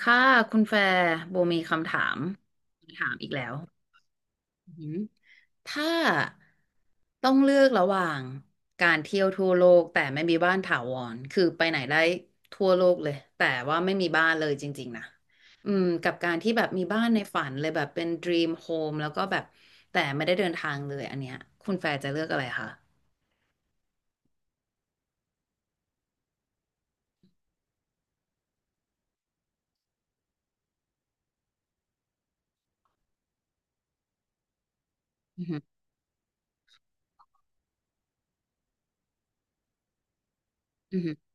ค่ะคุณแฟร์โบมีคำถามถามอีกแล้วอือหือถ้าต้องเลือกระหว่างการเที่ยวทั่วโลกแต่ไม่มีบ้านถาวรคือไปไหนได้ทั่วโลกเลยแต่ว่าไม่มีบ้านเลยจริงๆนะอืมกับการที่แบบมีบ้านในฝันเลยแบบเป็น dream home แล้วก็แบบแต่ไม่ได้เดินทางเลยอันเนี้ยคุณแฟร์จะเลือกอะไรคะอือหือ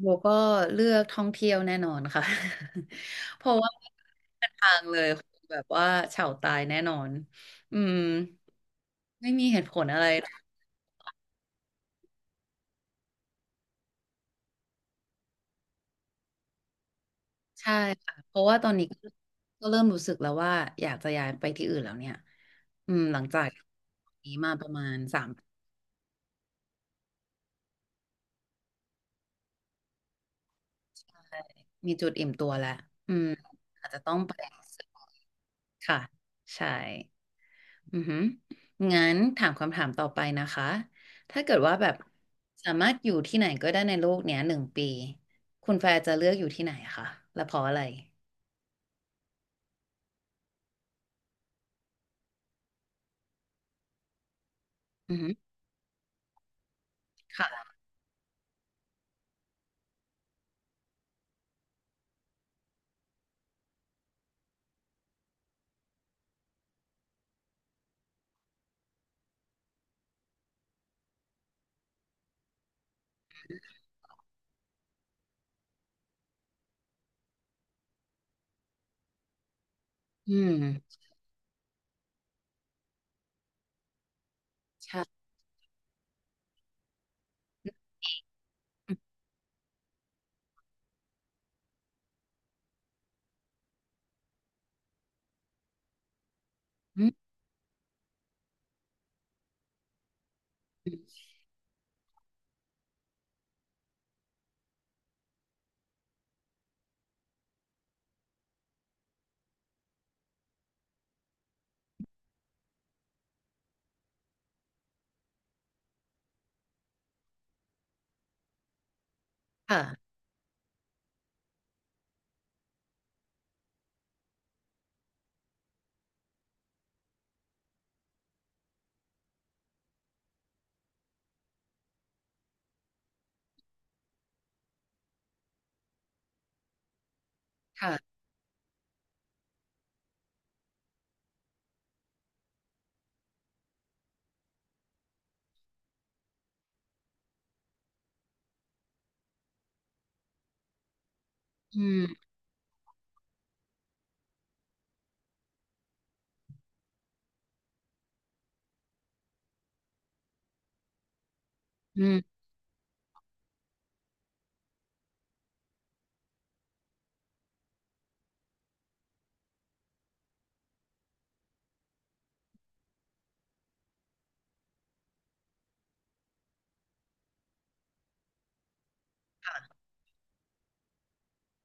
โบก็เลือกท่องเที่ยวแน่นอนค่ะ เพราะว่าเด็นทางเลยคงแบบว่าเฉาตายแน่นอนอืมไม่มีเหตุผลอะไร ใช่ค่ะเพราะว่าตอนนี้ก็ก็เริ่มรู้สึกแล้วว่าอยากจะย้ายไปที่อื่นแล้วเนี่ยอืมหลังจากมีจุดอิ่มตัวแล้วอืมอาจจะต้องไปค่ะ ใช่ อือหืองั้นถามคำถามต่อไปนะคะ ถ้าเกิดว่าแบบสามารถอยู่ที่ไหนก็ได้ในโลกเนี้ยหนึ่งปี คุณแฟร์จะเลือกอยู่ที่ไหนคะและเพราะอะไรอือหือค่ะอืมใช่อืมค่ะค่ะอืมอืม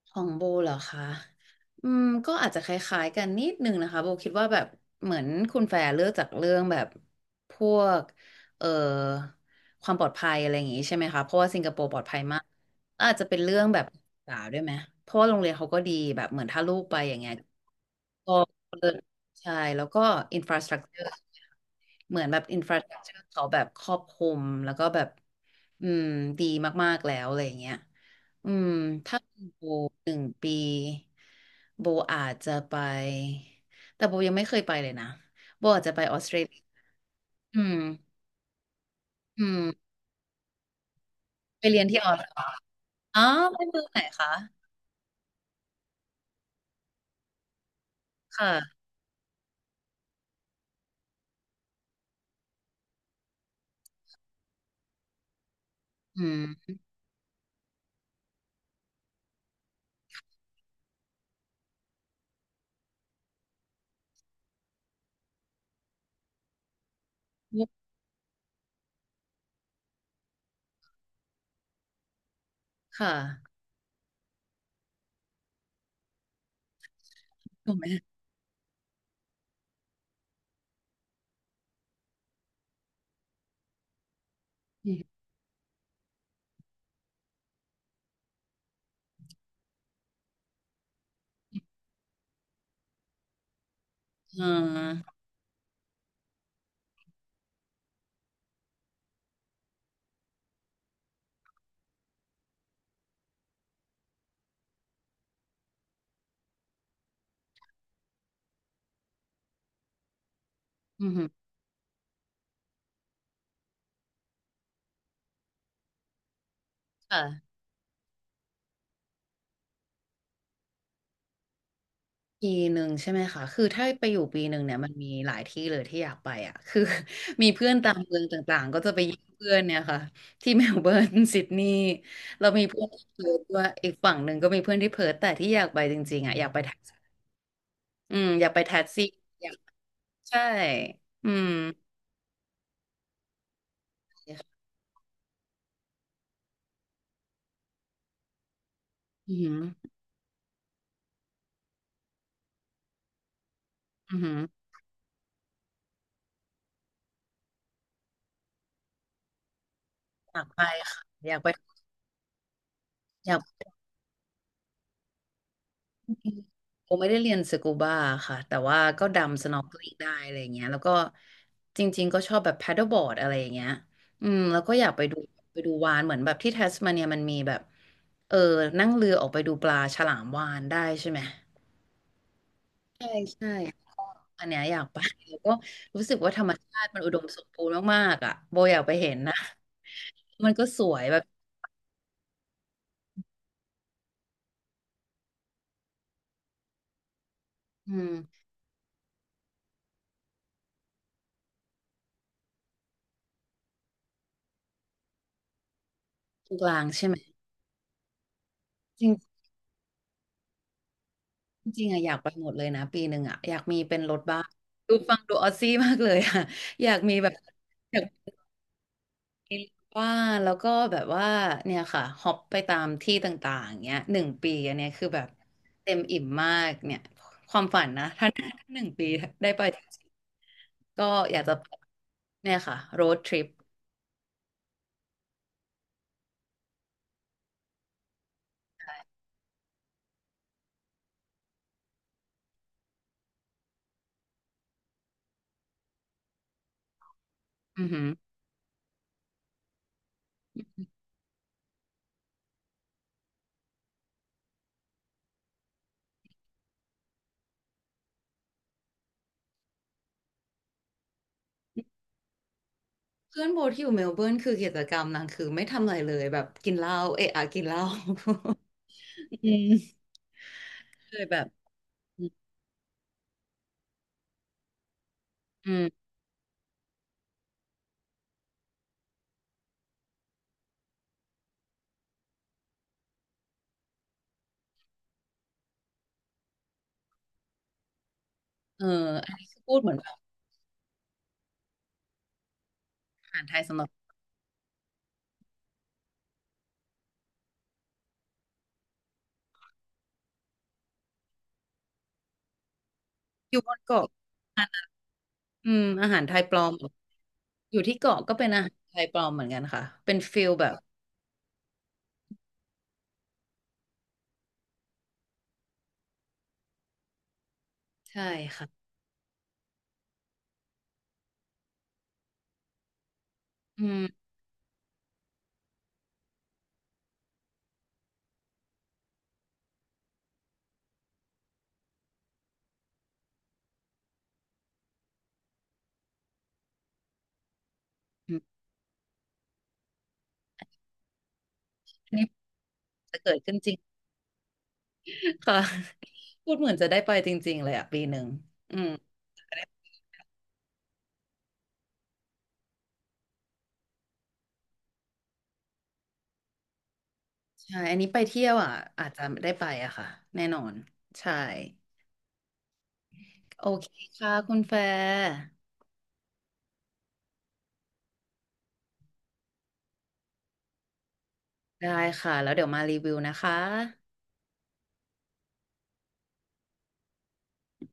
ของโบเหรอคะอืมก็อาจจะคล้ายๆกันนิดนึงนะคะโบคิดว่าแบบเหมือนคุณแฟร์เลือกจากเรื่องแบบพวกเอ่อความปลอดภัยอะไรอย่างงี้ใช่ไหมคะ เพราะว่าสิงคโปร์ปลอดภัยมากอาจจะเป็นเรื่องแบบสาวด้วยไหมเพราะว่าโรงเรียนเขาก็ดีแบบเหมือนถ้าลูกไปอย่างเงี้ย ก็เลิศใช่แล้วก็อินฟราสตรักเจอร์เหมือนแบบอินฟราสตรักเจอร์เขาแบบครอบคลุมแล้วก็แบบอืมดีมากๆแล้วอะไรอย่างเงี้ยอืมถ้าเป็นโบหนึ่งปีโบอาจจะไปแต่โบยังไม่เคยไปเลยนะโบอาจจะไปออสเตรเลียอืมอืมไปเรียนที่ออสอ๋อไปเมืองไหนคะค่ะอืมค่ะถูกไหมอืมอืมอืมค่ะ ปีหนึ่งใช่ไหมคะคือถ้าไปอยู่ปีหนึ่งเนี่ยมันมีหลายที่เลยที่อยากไปอ่ะคือ มีเพื่อนตามเมืองต่างๆก็จะไปเยี่ยมเพื่อนเนี่ยค่ะที่ เมลเบิร์นซิดนีย์เรามีเพื่อนที่เพิร์ธด้วยอีกฝั่งหนึ่งก็มีเพื่อนที่เพิร์ธแต่ที่อยากไปจริงๆอ่ะอยากไปแท็กซี่อืมอยากไปแท็กซี่อยากใช่อืมอืมอหืมออือหืออยากไปค่ะอยากไปอยาก ผมไม่ได้เรียนสกูบาค่ะแต่ว่าก็ดำสน็อกเกิลได้อะไรอย่างเงี้ยแล้วก็จริงๆก็ชอบแบบแพดเดิลบอร์ดอะไรอย่างเงี้ยอืมแล้วก็อยากไปดูไปดูวาฬเหมือนแบบที่แทสมาเนียมันมีแบบเออนั่งเรือออกไปดูปลาฉลามวาฬได้ใช่ไหมใช่ใช่ก็อันเนี้ยอยากไปแล้วก็รู้สึกว่าธรรมชาติมันอุดมสมบูรณ์มากๆอ่ะโบอยากไปเห็นนะมันก็สวยแบบอืมตรงกลางใช่ไหม จริงๆอะอยากไปหมดเลยนะปีหนึ่งอะอยากมีเป็นรถบ้านดูฟังดูออซซี่มากเลยอะ อยากมีแบบอยากบ้านแล้วก็แบบว่าเนี่ยค่ะฮอปไปตามที่ต่างๆเงี้ยหนึ่งปีอันเนี้ยคือแบบเต็มอิ่มมากเนี่ยความฝันนะถ้าถ้าหนึ่งปีได้ไปจริงๆก็อยากจะไปเนี่ยค่ะโรดทริปอือหือเพื่อนโบที่อยู่เมลเบิร์นคือกิจกรรมนางคือไม่ทำอะไรเลยแบบกินเหล้าเอะอะกินเหล้าอืม เคยแบบอืม เอออันนี้คือพูดเหมือนแบบอาหารไทยสำหรับอยู่บนเกาะอืมอาหารไทยปลอมอยู่ที่เกาะก็เป็นอาหารไทยปลอมเหมือนกันค่ะเป็นฟิลแบบใช่ค่ะอืมอืมอันนี้จะเกิดขึ้นจริง ค่ะพูดเหมือนจะได้ไปจริงๆเลยอ่ะปีหนึ่งอืมใช่อันนี้ไปเที่ยวอ่ะอาจจะได้ไปอ่ะค่ะแน่นอนใช่โอเคค่ะคุณแฟร์ได้ค่ะแล้วเดี๋ยวมารีวิวนะคะ